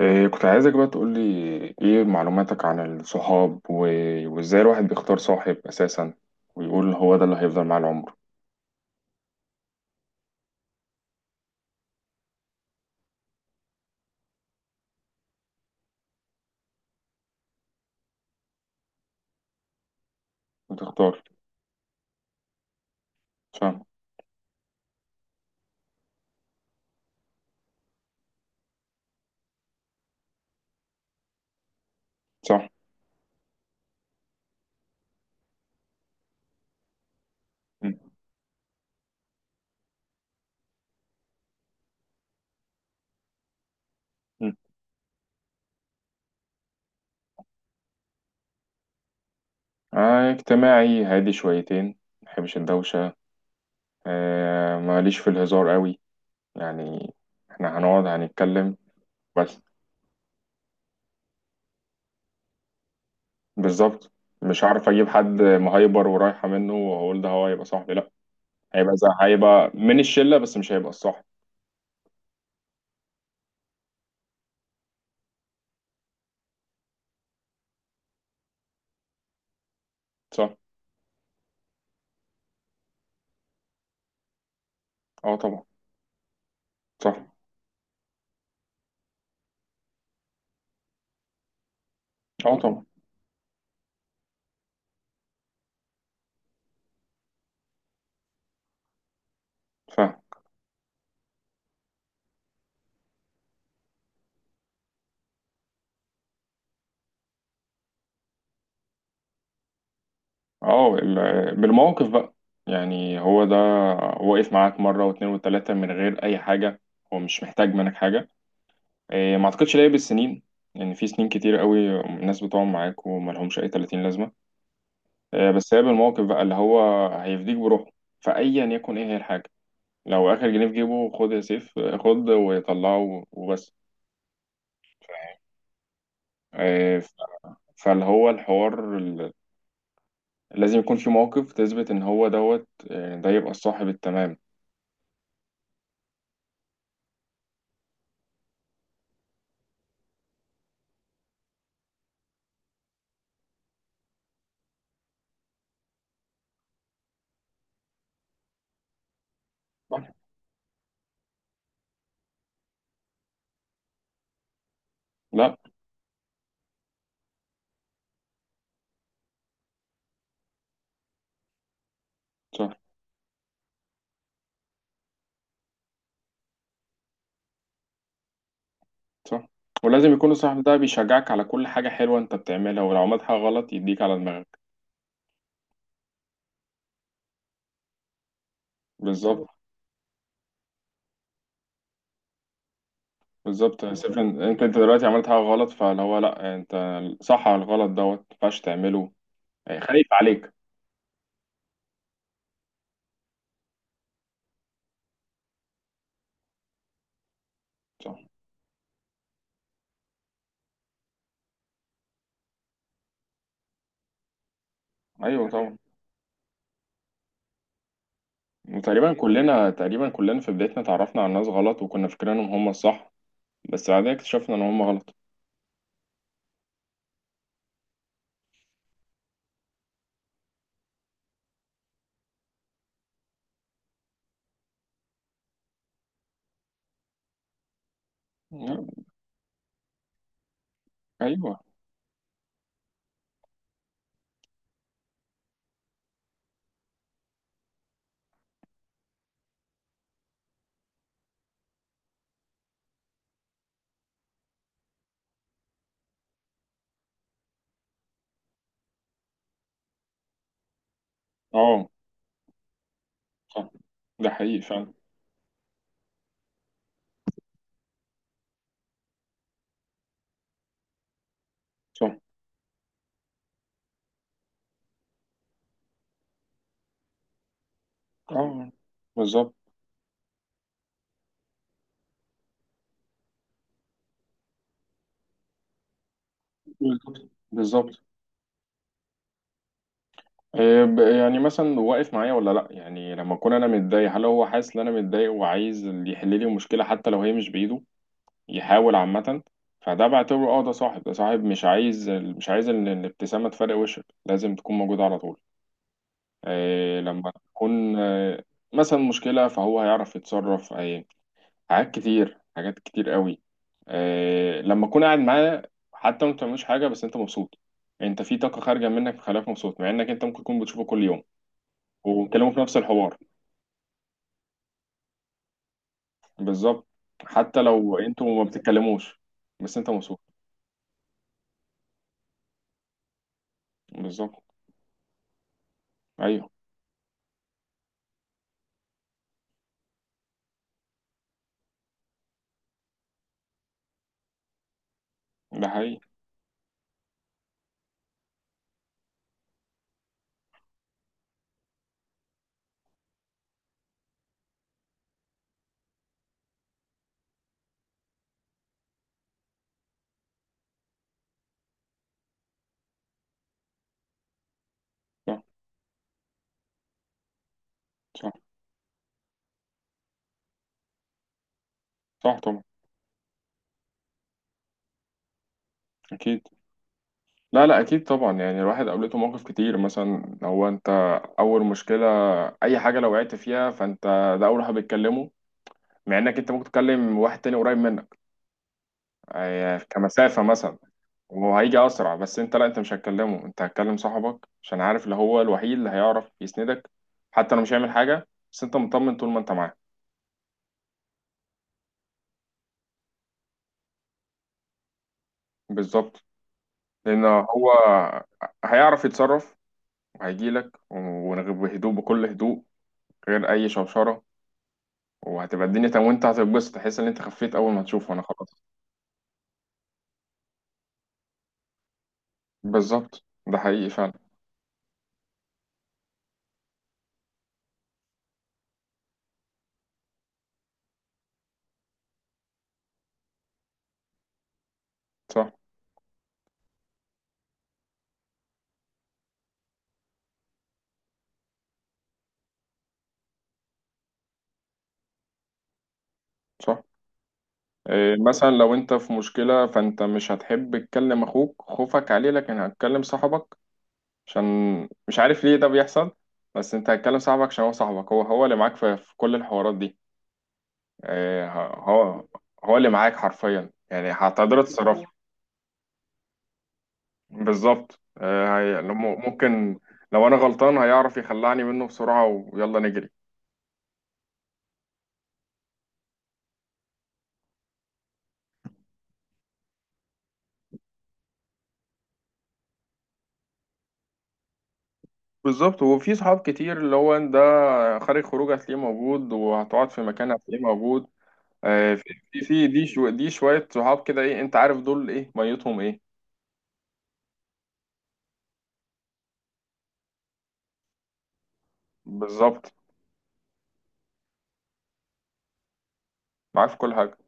إيه، كنت عايزك بقى تقولي ايه معلوماتك عن الصحاب وازاي الواحد بيختار صاحب اساسا، ويقول هو ده اللي هيفضل معاه العمر. وتختار. فاهم. صح. مم. مم. آه، اجتماعي هادي شويتين. ما بحبش الدوشة. آه، ماليش في الهزار قوي. يعني احنا هنقعد هنتكلم. بس. بالظبط. مش هعرف اجيب حد مهايبر ورايحة منه واقول ده هو هيبقى صاحبي، لا. هيبقى من الشلة، بس مش هيبقى الصاحب. صح. اه طبعا. صح. اه طبعا. فاهم. اه بالموقف بقى. يعني هو ده، واقف معاك مرة واتنين وتلاتة من غير أي حاجة. هو مش محتاج منك حاجة. إيه، ما أعتقدش، ليه بالسنين. يعني في سنين كتير قوي الناس بتقعد معاك وملهمش أي 30 لازمة. إيه، بس هي بالموقف بقى، اللي هو هيفديك بروحه. فأيا يكن إيه هي الحاجة. لو آخر جنيه في جيبه خد يا سيف، خد وطلعه وبس. آه، ف- فاللي هو الحوار لازم يكون في موقف تثبت ان هو دوت، ده يبقى الصاحب التمام. لا. صح. صح. ولازم يكون الصاحب ده بيشجعك على كل حاجة حلوة انت بتعملها، ولو عملت حاجة غلط يديك على دماغك. بالظبط. بالظبط يا سيف، انت دلوقتي عملت حاجة غلط، فاللي هو لا انت. صح، على الغلط دوت ما ينفعش تعمله. يعني خايف عليك. صح. ايوه طبعا. وتقريبا كلنا في بدايتنا اتعرفنا على ناس غلط وكنا فاكرينهم هم الصح. بس بعدين اكتشفنا ان هم غلط. ايوه. اه. صح. ده حقيقي فعلا. صح. اه. بالظبط. بالظبط. بالظبط. إيه يعني مثلا واقف معايا ولا لا؟ يعني لما اكون انا متضايق، هل هو حاسس ان انا متضايق وعايز اللي يحل لي المشكله حتى لو هي مش بايده يحاول عامه. فده بعتبره، اه ده صاحب، ده صاحب مش عايز، مش عايز ان الابتسامه تفرق وشك، لازم تكون موجوده على طول. إيه، لما تكون مثلا مشكله، فهو هيعرف يتصرف إيه. حاجات كتير، حاجات كتير قوي. إيه، لما اكون قاعد معاه، حتى ما بتعملوش حاجه بس انت مبسوط. انت في طاقه خارجه منك مخليك مبسوط، مع انك انت ممكن تكون بتشوفه كل يوم وبيتكلموا في نفس الحوار. بالظبط. حتى لو انتوا ما بتتكلموش بس انت مبسوط. بالظبط. ايوه. ده حقيقي. صح. صح. صح طبعا. اكيد. لا لا، اكيد طبعا. يعني الواحد قابلته مواقف كتير، مثلا لو انت اول مشكله، اي حاجه لو وقعت فيها فانت ده اول واحد بيتكلمه، مع انك انت ممكن تكلم واحد تاني قريب منك، كمسافه مثلا، وهو هيجي اسرع، بس انت لا، انت مش هتكلمه، انت هتكلم صاحبك عشان عارف اللي هو الوحيد اللي هيعرف يسندك. حتى لو مش هيعمل حاجه بس انت مطمن طول ما انت معاه. بالظبط. لان هو هيعرف يتصرف، وهيجيلك بهدوء، بكل هدوء، غير اي شوشره، وهتبقى الدنيا تمام، وانت هتتبسط، تحس ان انت خفيت اول ما تشوفه. انا خلاص. بالظبط، ده حقيقي فعلا. صح. صح. إيه، مثلا لو انت في مشكله، فانت مش هتحب تكلم اخوك خوفك عليه، لكن هتكلم صاحبك. عشان مش عارف ليه ده بيحصل، بس انت هتكلم صاحبك عشان هو صاحبك، هو اللي معاك في كل الحوارات دي. إيه، هو هو اللي معاك حرفيا، يعني هتقدر تتصرف. بالظبط، ممكن لو انا غلطان هيعرف يخلعني منه بسرعة، ويلا نجري. بالظبط. وفي صحاب كتير اللي هو ده، خارج خروج هتلاقيه موجود، وهتقعد في مكان هتلاقيه موجود. آه، في في دي شوية صحاب كده، ايه انت عارف دول ايه؟ ميتهم ايه؟ بالظبط. معاك في كل حاجة.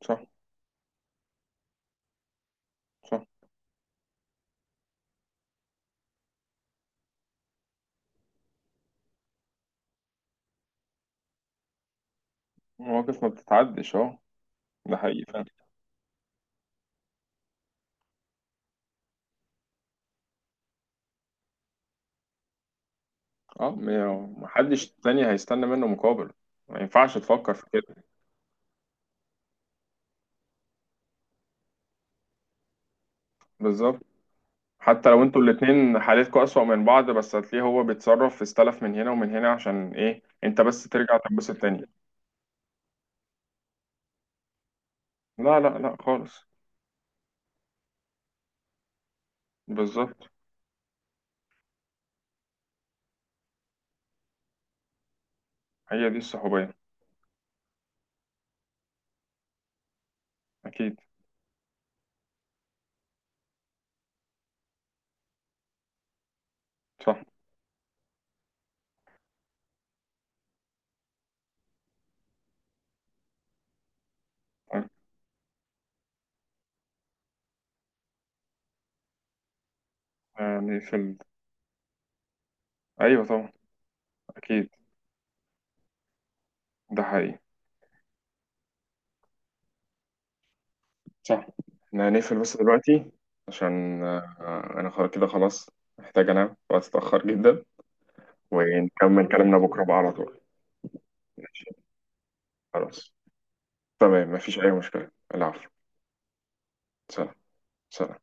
صح. صح. مواقف ما بتتعدش، اه. ده حقيقي فعلا. اه، محدش تاني هيستنى منه مقابل، ما ينفعش تفكر في كده. بالظبط. حتى لو انتوا الاتنين حالتكوا أسوأ من بعض، بس هتلاقيه هو بيتصرف، في استلف من هنا ومن هنا، عشان ايه؟ انت بس ترجع تنبسط تاني. لا لا لا خالص. بالظبط. هي دي الصحوبية. أكيد. صح. يعني أيوة طبعا. أكيد. ده حقيقي. صح. احنا هنقفل بس دلوقتي، عشان أنا خلاص كده، خلاص محتاج أنام، وقت اتأخر جدا. ونكمل كلامنا بكرة بقى على طول. ماشي. خلاص. تمام، مفيش أي مشكلة. العفو. سلام. سلام.